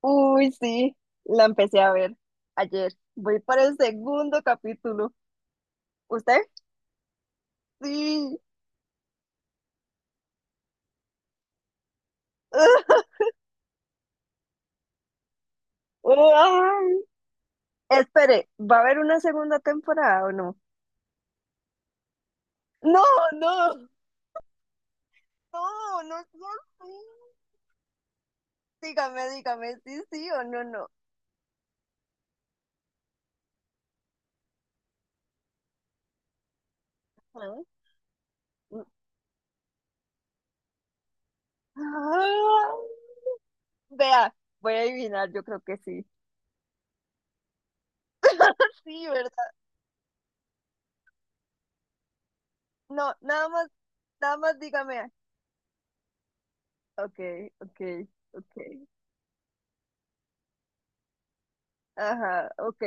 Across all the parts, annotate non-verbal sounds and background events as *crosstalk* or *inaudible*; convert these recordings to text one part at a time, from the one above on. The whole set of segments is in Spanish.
Uy, sí, la empecé a ver ayer. Voy para el segundo capítulo. ¿Usted? Sí. *laughs* Ay. Espere, ¿va a haber una segunda temporada o no? No, no, no, no, no, sí. Dígame, dígame, sí, sí o no, no. ¿Ah? Ah. Vea, voy a adivinar, yo creo que sí. *laughs* Sí, ¿verdad? No, nada más, nada más dígame. Ok, ok, ok. Ajá, ok.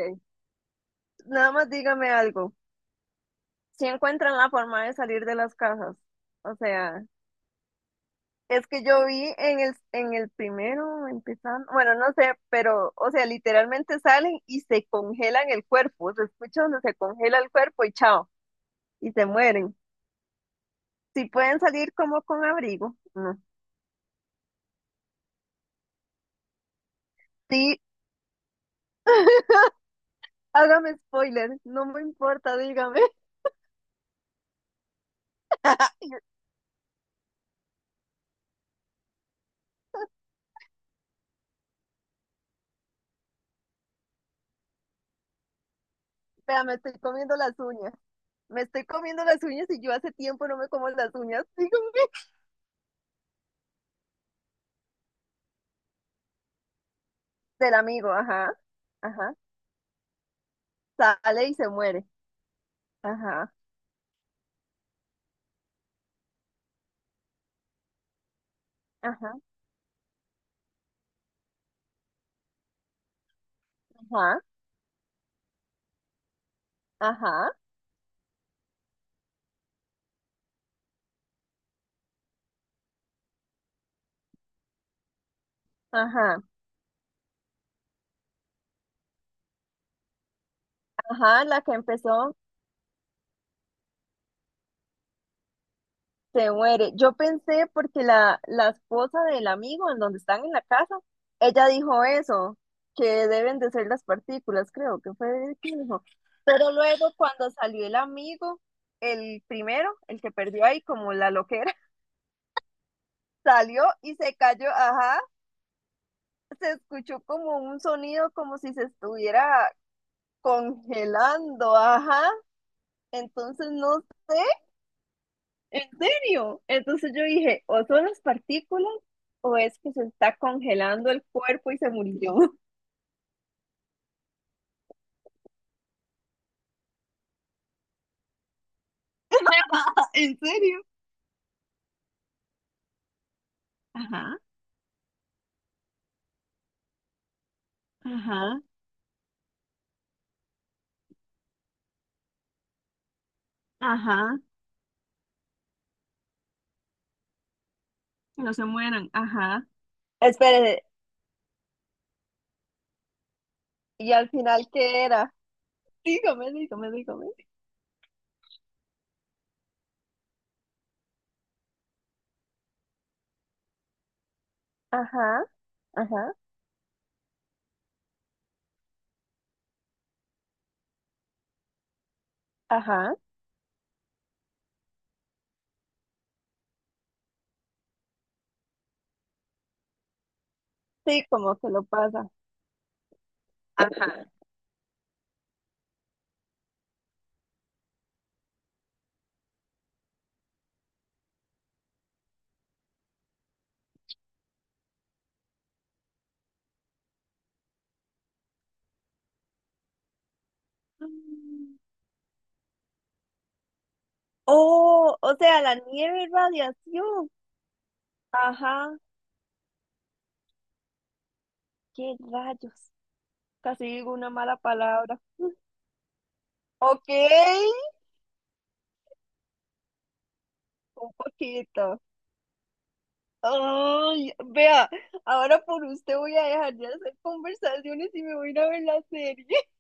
Nada más dígame algo. Si encuentran la forma de salir de las casas. O sea, es que yo vi en el primero, empezando, bueno, no sé, pero, o sea, literalmente salen y se congelan el cuerpo. Se escucha donde se congela el cuerpo y chao, y se mueren. Si pueden salir como con abrigo, no. Sí, *laughs* hágame spoiler, no me importa, dígame. *laughs* Vea, me estoy comiendo las uñas. Me estoy comiendo las uñas y yo hace tiempo no me como las uñas. *laughs* Del amigo, ajá, ajá, sale y se muere, ajá, ajá, ajá, ajá, ajá, ajá, la que empezó se muere. Yo pensé porque la esposa del amigo en donde están en la casa, ella dijo eso, que deben de ser las partículas, creo que fue que dijo. Pero luego cuando salió el amigo, el primero, el que perdió ahí como la loquera, *laughs* salió y se cayó, ajá, se escuchó como un sonido como si se estuviera congelando, ajá. Entonces no, en serio. Entonces yo dije, o son las partículas o es que se está congelando el cuerpo y se murió. *laughs* ¿En serio? Ajá, ajá, ajá, que no se mueran, ajá. Espérese, ¿y al final qué era? Dígame, dígame, dígame. Ajá, ajá, ajá. Sí, como que lo pasa. Ajá. Mm. Oh, o sea, la nieve es radiación. Ajá, qué rayos. Casi digo una mala palabra. Ok, un poquito. Ay, vea, ahora por usted voy a dejar de hacer conversaciones y me voy a ir a ver la serie. *laughs*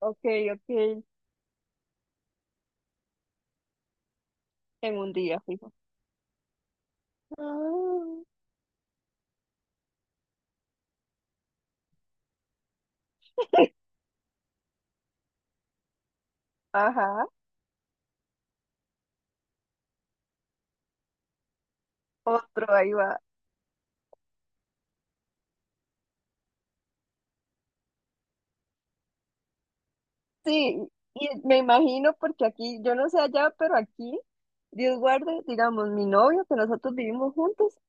Ok, ok, en un día, fijo. Ah. *laughs* Ajá, otro, ahí va. Sí, y me imagino porque aquí, yo no sé allá, pero aquí, Dios guarde, digamos, mi novio, que nosotros vivimos juntos,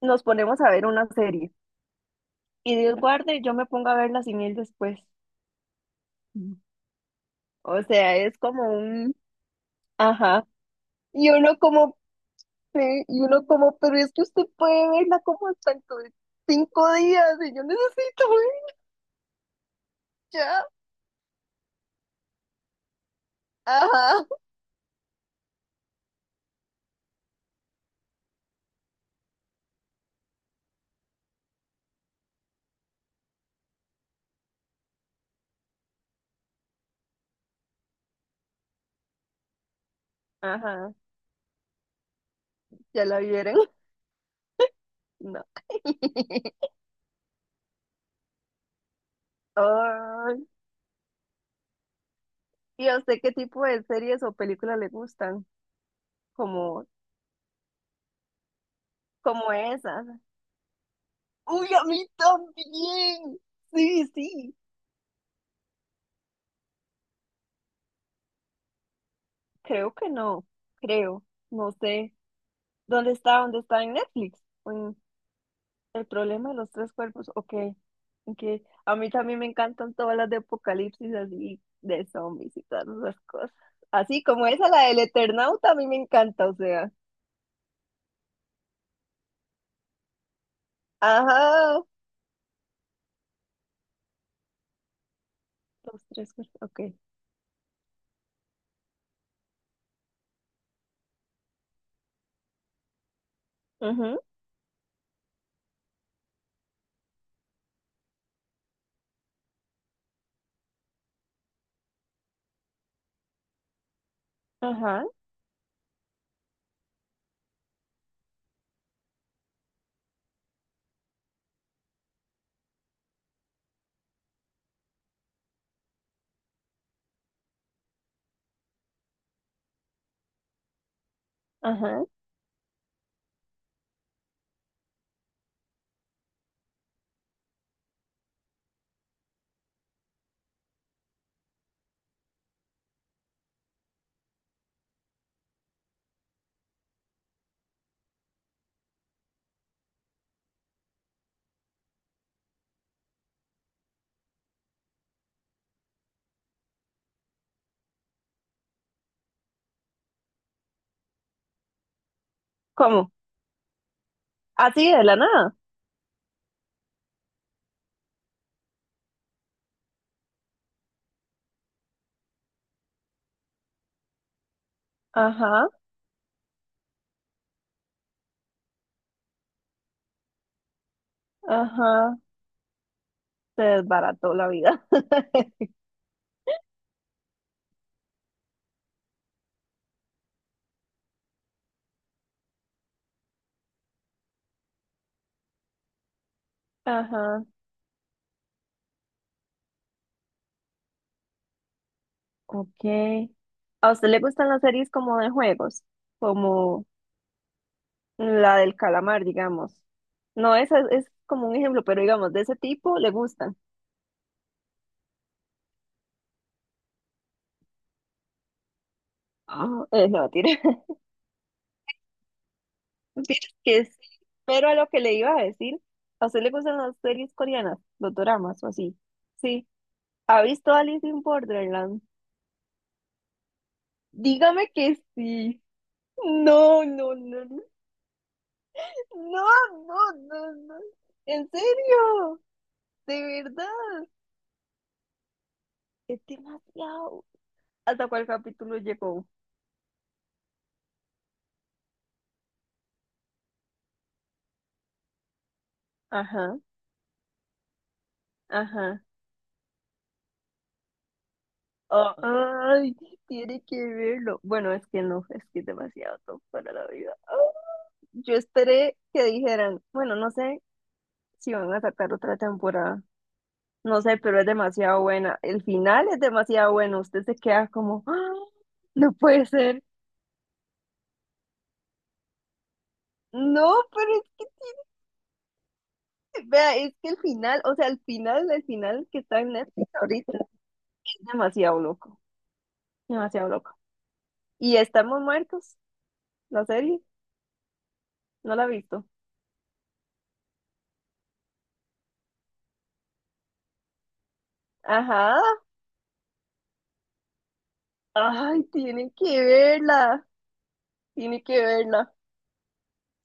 nos ponemos a ver una serie. Y Dios guarde, yo me pongo a verla sin él después. O sea, es como un, ajá. Y uno como, y uno como, pero es que usted puede verla como hasta dentro de 5 días y yo necesito ver ya. Ajá, ajá, ya la vieron. *laughs* No. Ay, ¿y a usted qué tipo de series o películas le gustan? Como, como esas. Uy, a mí también. Sí, sí. Creo que no. Creo. No sé. ¿Dónde está? ¿Dónde está? ¿En Netflix? El problema de los tres cuerpos, ok. Ok. A mí también me encantan todas las de apocalipsis así, de zombies y todas esas cosas. Así como esa, la del Eternauta, a mí me encanta, o sea. Ajá. Los tres cuerpos, ok. Ujú, ajá, ajá. ¿Cómo? Así de la nada. Ajá, ajá. Se desbarató la vida. *laughs* Ajá, ok. ¿A usted le gustan las series como de juegos? Como La del calamar, digamos. No, esa es como un ejemplo, pero digamos, de ese tipo le gustan. Ah, no, tiene. *laughs* Que sí. Pero a lo que le iba a decir, ¿a usted le gustan las series coreanas, los doramas o así? Sí. ¿Ha visto Alice in Borderland? Dígame que sí. No, no, no, no, no, no, no. No. ¿En serio? ¿De verdad? Es demasiado. ¿Hasta cuál capítulo llegó? Ajá, ajá. Ay, tiene que verlo. Bueno, es que no, es que es demasiado top para la vida. Ah, yo esperé que dijeran, bueno, no sé si van a sacar otra temporada. No sé, pero es demasiado buena. El final es demasiado bueno. Usted se queda como, "Ah, no puede ser". No, pero es que, vea, es que el final, o sea, el final que está en Netflix ahorita es demasiado loco, demasiado loco. Y estamos muertos, la serie, no la he visto. Ajá, ay, tiene que verla, tiene que verla.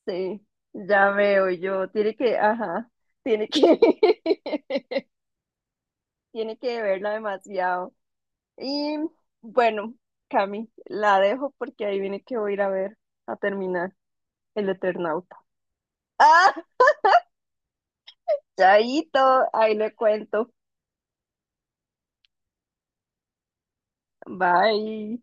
Sí, ya veo yo, tiene que, ajá, tiene que, *laughs* tiene que verla demasiado. Y bueno, Cami, la dejo porque ahí viene que voy a ir a ver, a terminar El Eternauta. *laughs* ¡Ah! Chaito, ahí le cuento. Bye.